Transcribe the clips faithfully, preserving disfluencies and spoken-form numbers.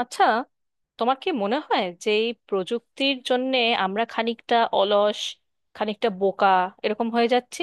আচ্ছা, তোমার কি মনে হয় যে এই প্রযুক্তির জন্যে আমরা খানিকটা অলস, খানিকটা বোকা এরকম হয়ে যাচ্ছি?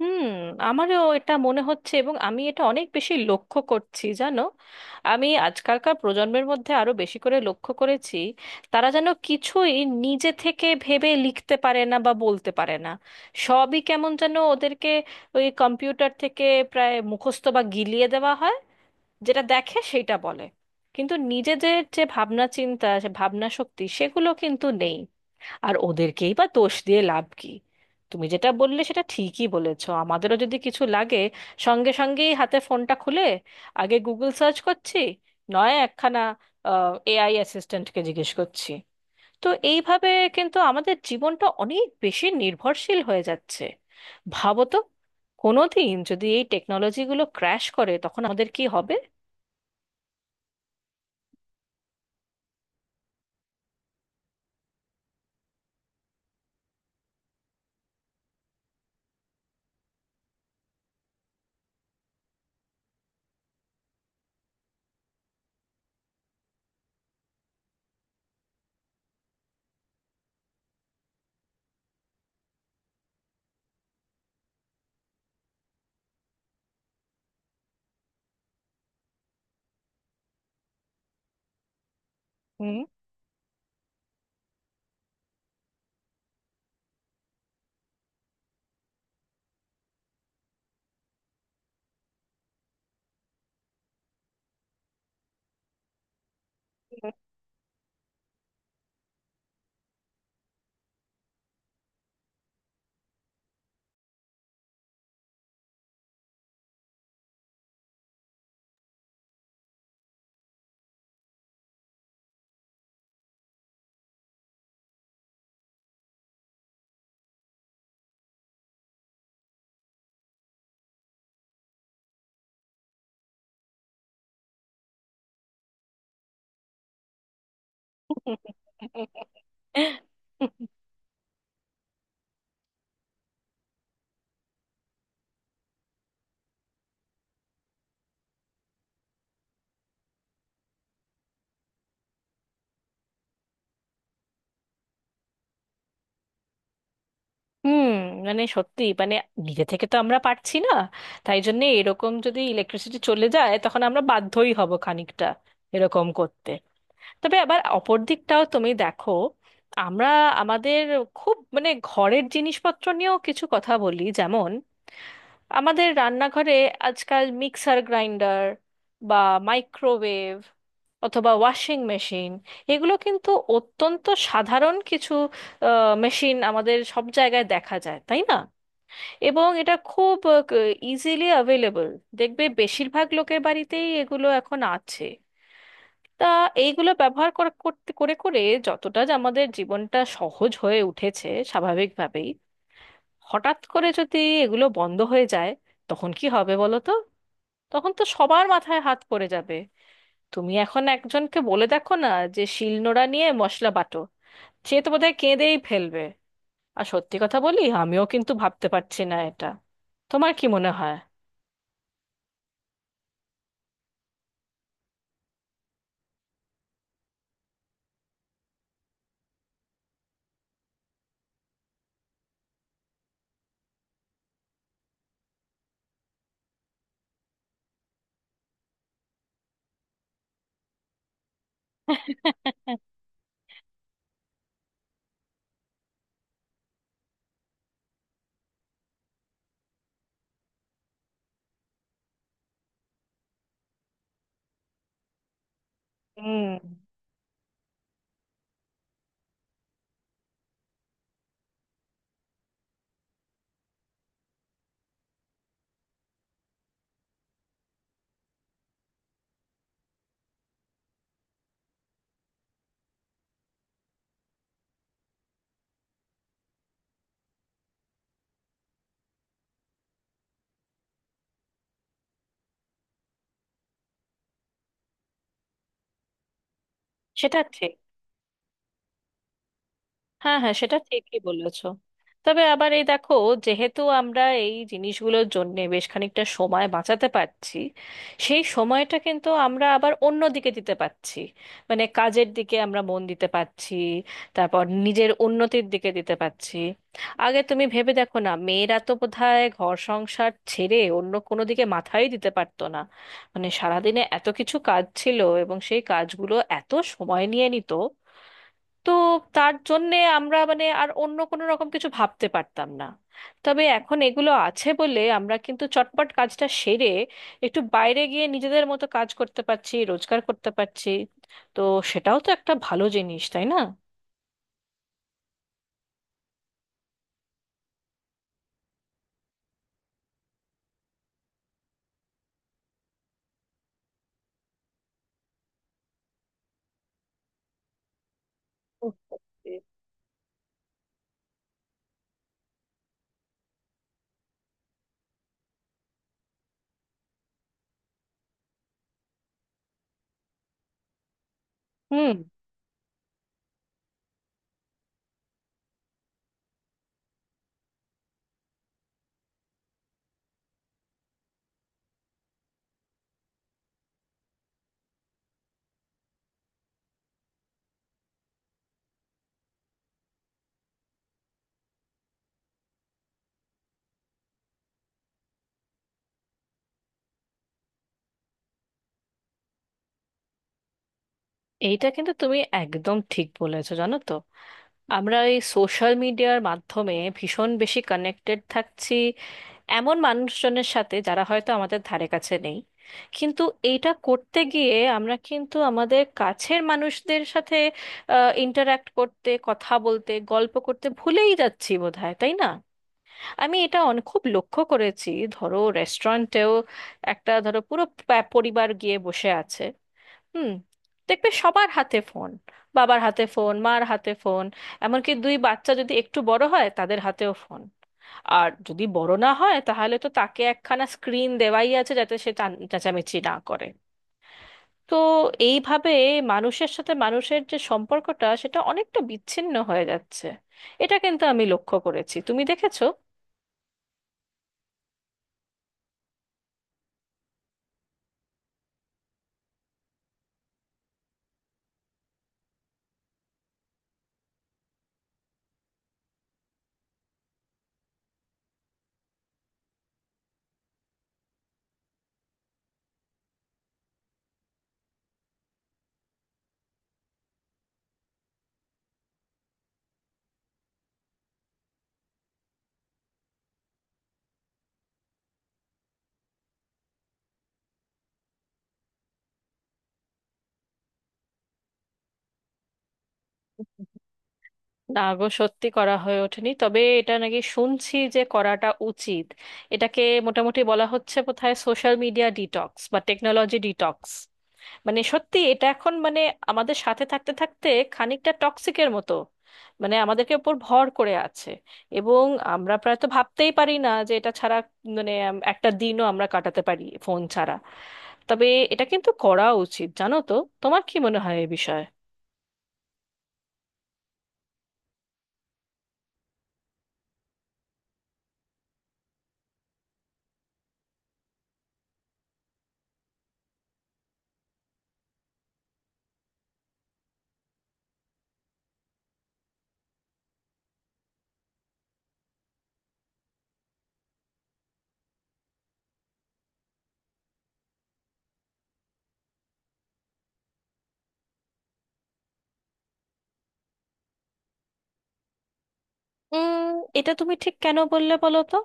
হুম, আমারও এটা মনে হচ্ছে, এবং আমি এটা অনেক বেশি লক্ষ্য করছি জানো। আমি আজকালকার প্রজন্মের মধ্যে আরো বেশি করে লক্ষ্য করেছি। তারা যেন কিছুই নিজে থেকে ভেবে লিখতে পারে না বা বলতে পারে না। সবই কেমন যেন ওদেরকে ওই কম্পিউটার থেকে প্রায় মুখস্থ বা গিলিয়ে দেওয়া হয়। যেটা দেখে সেইটা বলে, কিন্তু নিজেদের যে ভাবনা চিন্তা, সে ভাবনা শক্তি সেগুলো কিন্তু নেই। আর ওদেরকেই বা দোষ দিয়ে লাভ কি? তুমি যেটা বললে সেটা ঠিকই বলেছো, আমাদেরও যদি কিছু লাগে সঙ্গে সঙ্গেই হাতে ফোনটা খুলে আগে গুগল সার্চ করছি, নয় একখানা এআই অ্যাসিস্ট্যান্টকে জিজ্ঞেস করছি। তো এইভাবে কিন্তু আমাদের জীবনটা অনেক বেশি নির্ভরশীল হয়ে যাচ্ছে। ভাবো তো, কোনোদিন যদি এই টেকনোলজিগুলো ক্র্যাশ করে তখন আমাদের কি হবে? হুম, হুম, মানে সত্যি, মানে নিজে থেকে তো আমরা পারছি না। তাই জন্য এরকম যদি ইলেকট্রিসিটি চলে যায় তখন আমরা বাধ্যই হব খানিকটা এরকম করতে। তবে আবার অপর দিকটাও তুমি দেখো, আমরা আমাদের খুব, মানে ঘরের জিনিসপত্র নিয়েও কিছু কথা বলি। যেমন আমাদের রান্নাঘরে আজকাল মিক্সার গ্রাইন্ডার, বা মাইক্রোওয়েভ, অথবা ওয়াশিং মেশিন, এগুলো কিন্তু অত্যন্ত সাধারণ কিছু মেশিন, আমাদের সব জায়গায় দেখা যায় তাই না? এবং এটা খুব ইজিলি অ্যাভেলেবল। দেখবে বেশিরভাগ লোকের বাড়িতেই এগুলো এখন আছে। তা এইগুলো ব্যবহার করা- করতে করে করে যতটা যে আমাদের জীবনটা সহজ হয়ে উঠেছে স্বাভাবিকভাবেই, হঠাৎ করে যদি এগুলো বন্ধ হয়ে যায় তখন কি হবে বলো তো? তখন তো সবার মাথায় হাত পড়ে যাবে। তুমি এখন একজনকে বলে দেখো না যে শিলনোড়া নিয়ে মশলা বাটো, সে তো বোধহয় কেঁদেই ফেলবে। আর সত্যি কথা বলি, আমিও কিন্তু ভাবতে পারছি না এটা। তোমার কি মনে হয়? হুম, সেটা ঠিক। হ্যাঁ, হ্যাঁ, সেটা ঠিকই বলেছো। তবে আবার এই দেখো, যেহেতু আমরা এই জিনিসগুলোর জন্য বেশ খানিকটা সময় বাঁচাতে পারছি, সেই সময়টা কিন্তু আমরা আবার অন্য দিকে দিতে পারছি। মানে কাজের দিকে আমরা মন দিতে পারছি, তারপর নিজের উন্নতির দিকে দিতে পারছি। আগে তুমি ভেবে দেখো না, মেয়েরা তো বোধহয় ঘর সংসার ছেড়ে অন্য কোনো দিকে মাথাই দিতে পারতো না। মানে সারাদিনে এত কিছু কাজ ছিল, এবং সেই কাজগুলো এত সময় নিয়ে নিত, তো তার জন্যে আমরা, মানে আর অন্য কোনো রকম কিছু ভাবতে পারতাম না। তবে এখন এগুলো আছে বলে আমরা কিন্তু চটপট কাজটা সেরে একটু বাইরে গিয়ে নিজেদের মতো কাজ করতে পারছি, রোজগার করতে পারছি। তো সেটাও তো একটা ভালো জিনিস তাই না? বুঝতে পেরেছি। হুম। এইটা কিন্তু তুমি একদম ঠিক বলেছো জানো তো। আমরা এই সোশ্যাল মিডিয়ার মাধ্যমে ভীষণ বেশি কানেক্টেড থাকছি এমন মানুষজনের সাথে যারা হয়তো আমাদের ধারে কাছে নেই, কিন্তু এইটা করতে গিয়ে আমরা কিন্তু আমাদের কাছের মানুষদের সাথে ইন্টারাক্ট করতে, কথা বলতে, গল্প করতে ভুলেই যাচ্ছি বোধহয় তাই না? আমি এটা অনেক খুব লক্ষ্য করেছি। ধরো রেস্টুরেন্টেও একটা, ধরো পুরো পা- পরিবার গিয়ে বসে আছে। হুম। দেখবে সবার হাতে ফোন, বাবার হাতে ফোন, মার হাতে ফোন। এমনকি দুই বাচ্চা যদি একটু বড় হয় তাদের হাতেও ফোন। আর যদি বড় না হয় তাহলে তো তাকে একখানা স্ক্রিন দেওয়াই আছে যাতে সে টান- চেঁচামেচি না করে। তো এইভাবে মানুষের সাথে মানুষের যে সম্পর্কটা সেটা অনেকটা বিচ্ছিন্ন হয়ে যাচ্ছে। এটা কিন্তু আমি লক্ষ্য করেছি, তুমি দেখেছো? না গো, সত্যি করা হয়ে ওঠেনি, তবে এটা নাকি শুনছি যে করাটা উচিত। এটাকে মোটামুটি বলা হচ্ছে কোথায় সোশ্যাল মিডিয়া ডিটক্স বা টেকনোলজি ডিটক্স। মানে সত্যি এটা এখন, মানে আমাদের সাথে থাকতে থাকতে খানিকটা টক্সিকের মতো, মানে আমাদেরকে উপর ভর করে আছে। এবং আমরা প্রায় তো ভাবতেই পারি না যে এটা ছাড়া, মানে উম, একটা দিনও আমরা কাটাতে পারি ফোন ছাড়া। তবে এটা কিন্তু করা উচিত জানো তো। তোমার কি মনে হয় এ বিষয়ে? উম এটা তুমি ঠিক কেন বললে বলো তো?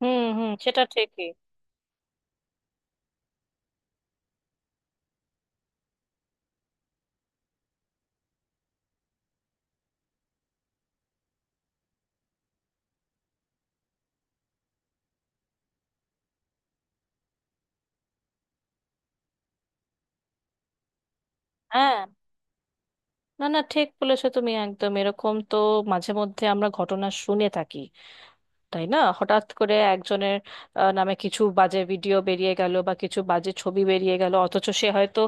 হুম, হুম, সেটা ঠিকই। হ্যাঁ, না না, ঠিক বলেছো তুমি, একদম এরকম তো মাঝে মধ্যে আমরা ঘটনা শুনে থাকি, তাই না? হঠাৎ করে একজনের আহ, নামে কিছু বাজে ভিডিও বেরিয়ে গেল বা কিছু বাজে ছবি বেরিয়ে গেল, অথচ সে হয়তো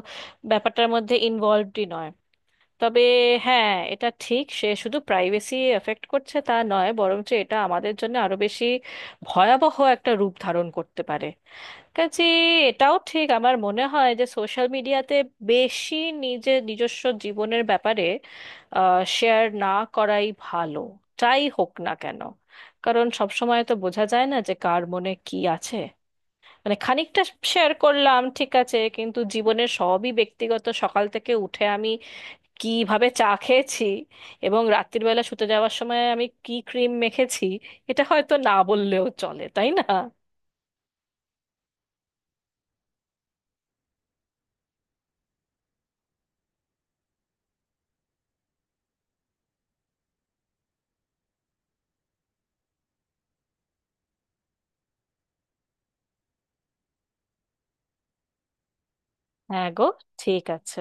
ব্যাপারটার মধ্যে ইনভলভডই নয়। তবে হ্যাঁ, এটা ঠিক, সে শুধু প্রাইভেসি এফেক্ট করছে তা নয়, বরঞ্চ এটা আমাদের জন্য আরো বেশি ভয়াবহ একটা রূপ ধারণ করতে পারে। কাজে এটাও ঠিক, আমার মনে হয় যে সোশ্যাল মিডিয়াতে বেশি নিজের নিজস্ব জীবনের ব্যাপারে শেয়ার না করাই ভালো, যাই হোক না কেন। কারণ সব সময় তো বোঝা যায় না যে কার মনে কি আছে। মানে খানিকটা শেয়ার করলাম ঠিক আছে, কিন্তু জীবনের সবই ব্যক্তিগত, সকাল থেকে উঠে আমি কিভাবে চা খেয়েছি এবং রাত্রির বেলা শুতে যাওয়ার সময় আমি কি ক্রিম মেখেছি, এটা হয়তো না বললেও চলে তাই না? হ্যাঁ গো, ঠিক আছে।